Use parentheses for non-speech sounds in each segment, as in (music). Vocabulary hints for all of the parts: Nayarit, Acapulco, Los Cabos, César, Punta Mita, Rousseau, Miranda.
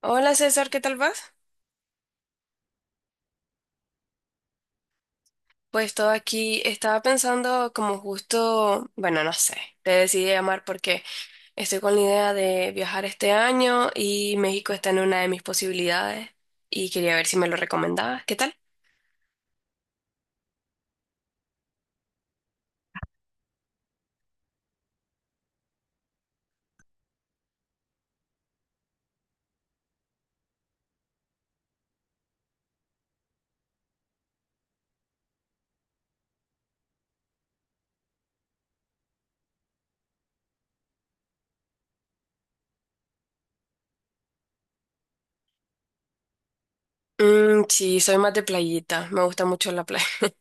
Hola César, ¿qué tal vas? Pues todo aquí estaba pensando como justo, bueno, no sé, te decidí llamar porque estoy con la idea de viajar este año y México está en una de mis posibilidades y quería ver si me lo recomendabas, ¿qué tal? Sí, soy más de playita, me gusta mucho la playa. (laughs)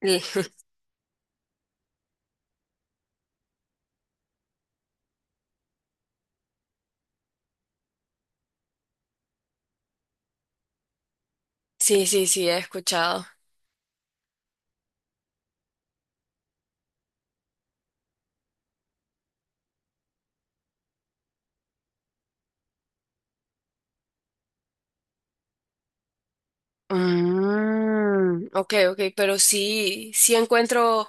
Sí, sí, sí, he escuchado. Ok, ok, pero sí, sí encuentro.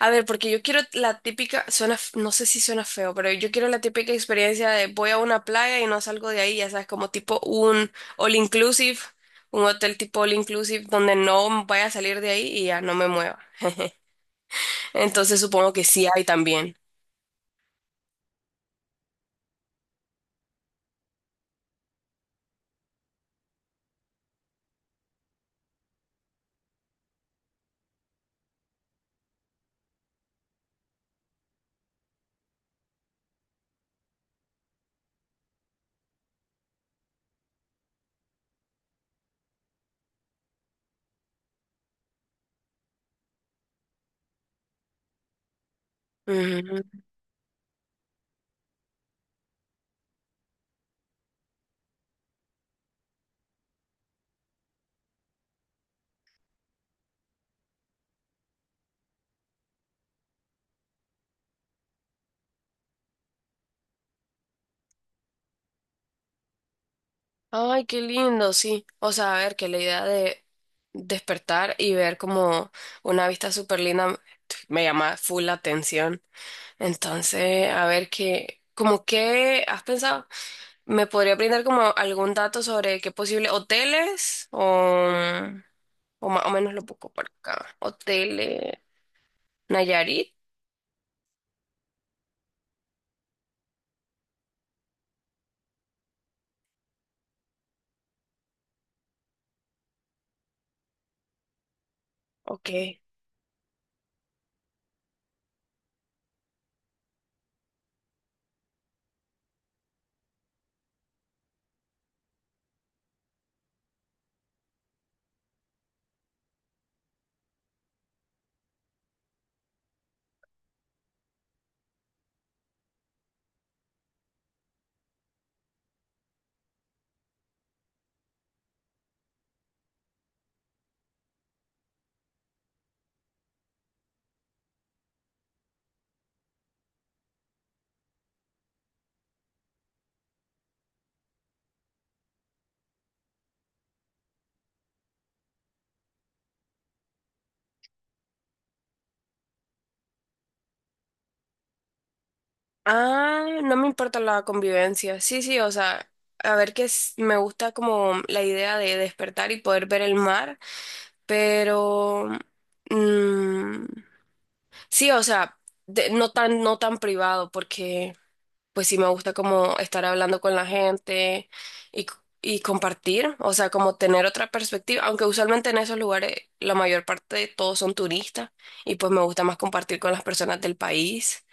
A ver, porque yo quiero la típica, suena, no sé si suena feo, pero yo quiero la típica experiencia de voy a una playa y no salgo de ahí, ya sabes, como tipo un all inclusive, un hotel tipo all inclusive donde no vaya a salir de ahí y ya no me mueva. (laughs) Entonces supongo que sí hay también. Ujú. Ay, qué lindo, sí. O sea, a ver, que la idea de despertar y ver como una vista súper linda me llama full la atención. Entonces, a ver qué, como qué has pensado, ¿me podría brindar como algún dato sobre qué posible hoteles o más o menos lo busco por acá? Hoteles Nayarit, ok. Ah, no me importa la convivencia. Sí, sí, o sea, a ver que me gusta como la idea de despertar y poder ver el mar, pero mm, sí, o sea, no tan, no tan privado, porque pues sí me gusta como estar hablando con la gente y, c- y compartir, o sea, como tener otra perspectiva, aunque usualmente en esos lugares la mayor parte de todos son turistas y pues me gusta más compartir con las personas del país,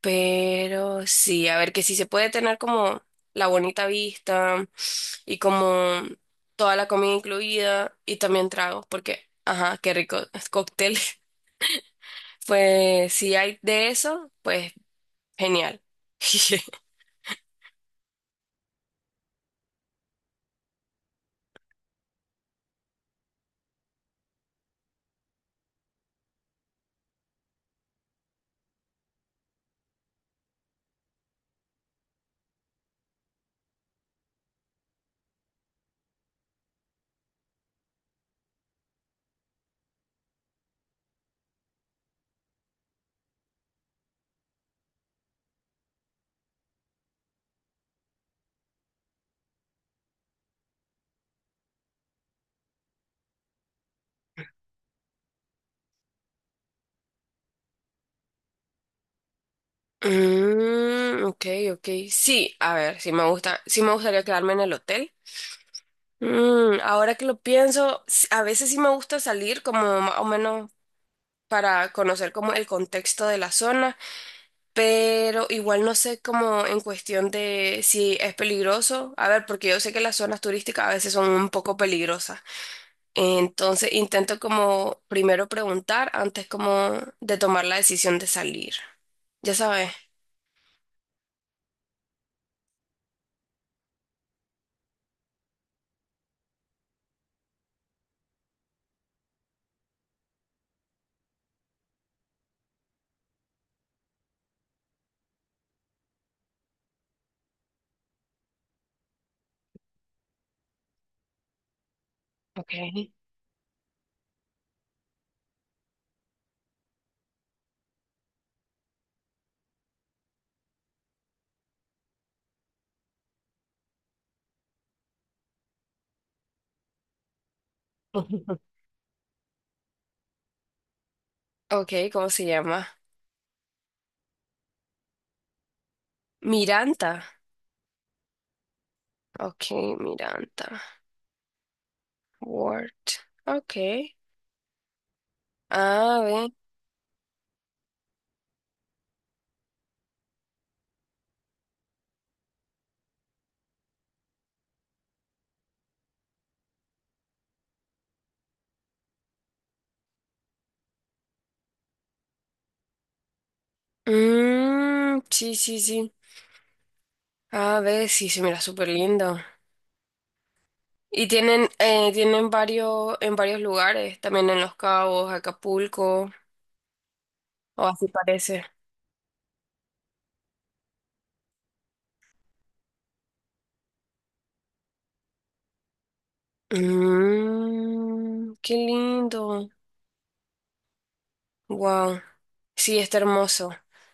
pero sí, a ver que sí se puede tener como la bonita vista y como toda la comida incluida y también tragos, porque, ajá, qué rico, cócteles. (laughs) Pues si hay de eso, pues genial. (laughs) Ok, ok. Sí, a ver, sí me gusta, sí me gustaría quedarme en el hotel. Ahora que lo pienso, a veces sí me gusta salir como más o menos para conocer como el contexto de la zona, pero igual no sé como en cuestión de si es peligroso. A ver, porque yo sé que las zonas turísticas a veces son un poco peligrosas. Entonces intento como primero preguntar antes como de tomar la decisión de salir. Ya sabes. Okay. (laughs) Ok, ¿cómo se llama? Miranda. Ok, Miranda. Word. Ok. A ver. Sí, sí, sí. A ver, sí, se mira súper lindo. Y tienen, tienen varios, en varios lugares, también en Los Cabos, Acapulco, o así parece. Mmm, qué lindo. Wow. Sí, está hermoso.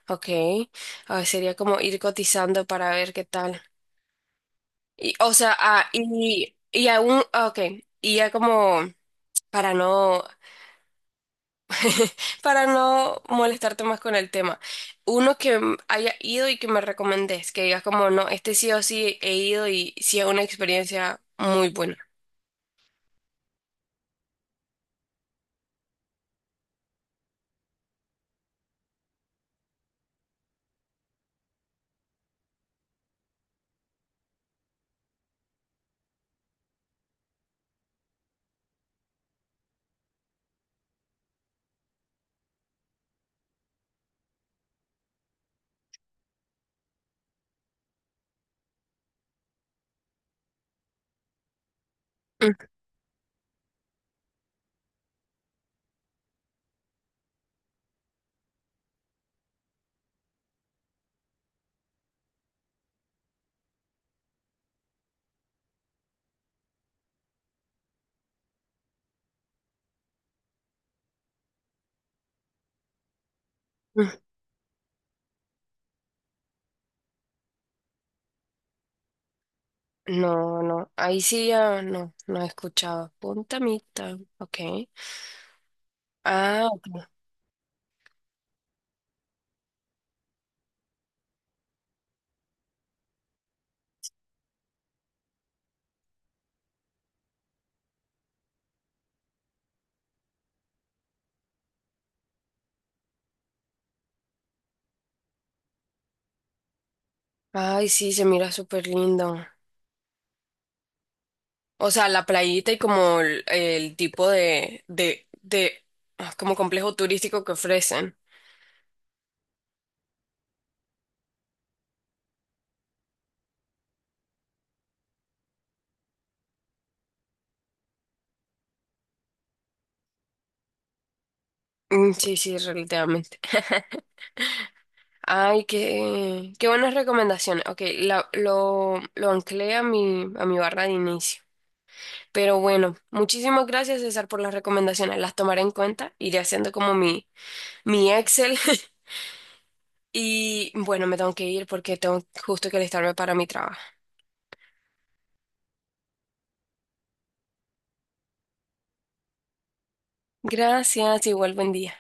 Ok. Ah, sería como ir cotizando para ver qué tal. Y, o sea, ah, y aún, ah, ok, y ya como para no, (laughs) para no molestarte más con el tema, uno que haya ido y que me recomendés, que digas como, no, este sí o sí he ido y sí es una experiencia muy buena. Mm, mm. No, no, ahí sí ya no, no he escuchado. Punta Mita, ok. Ah, ok. Ay, sí, se mira súper lindo. O sea, la playita y como el tipo de, ah, como complejo turístico que ofrecen. Mm, sí, sí, relativamente. Ay, qué, qué buenas recomendaciones. Ok, lo anclé a mi barra de inicio. Pero bueno, muchísimas gracias, César, por las recomendaciones. Las tomaré en cuenta. Iré haciendo como mi Excel. (laughs) Y bueno, me tengo que ir porque tengo justo que alistarme para mi trabajo. Gracias, igual buen día.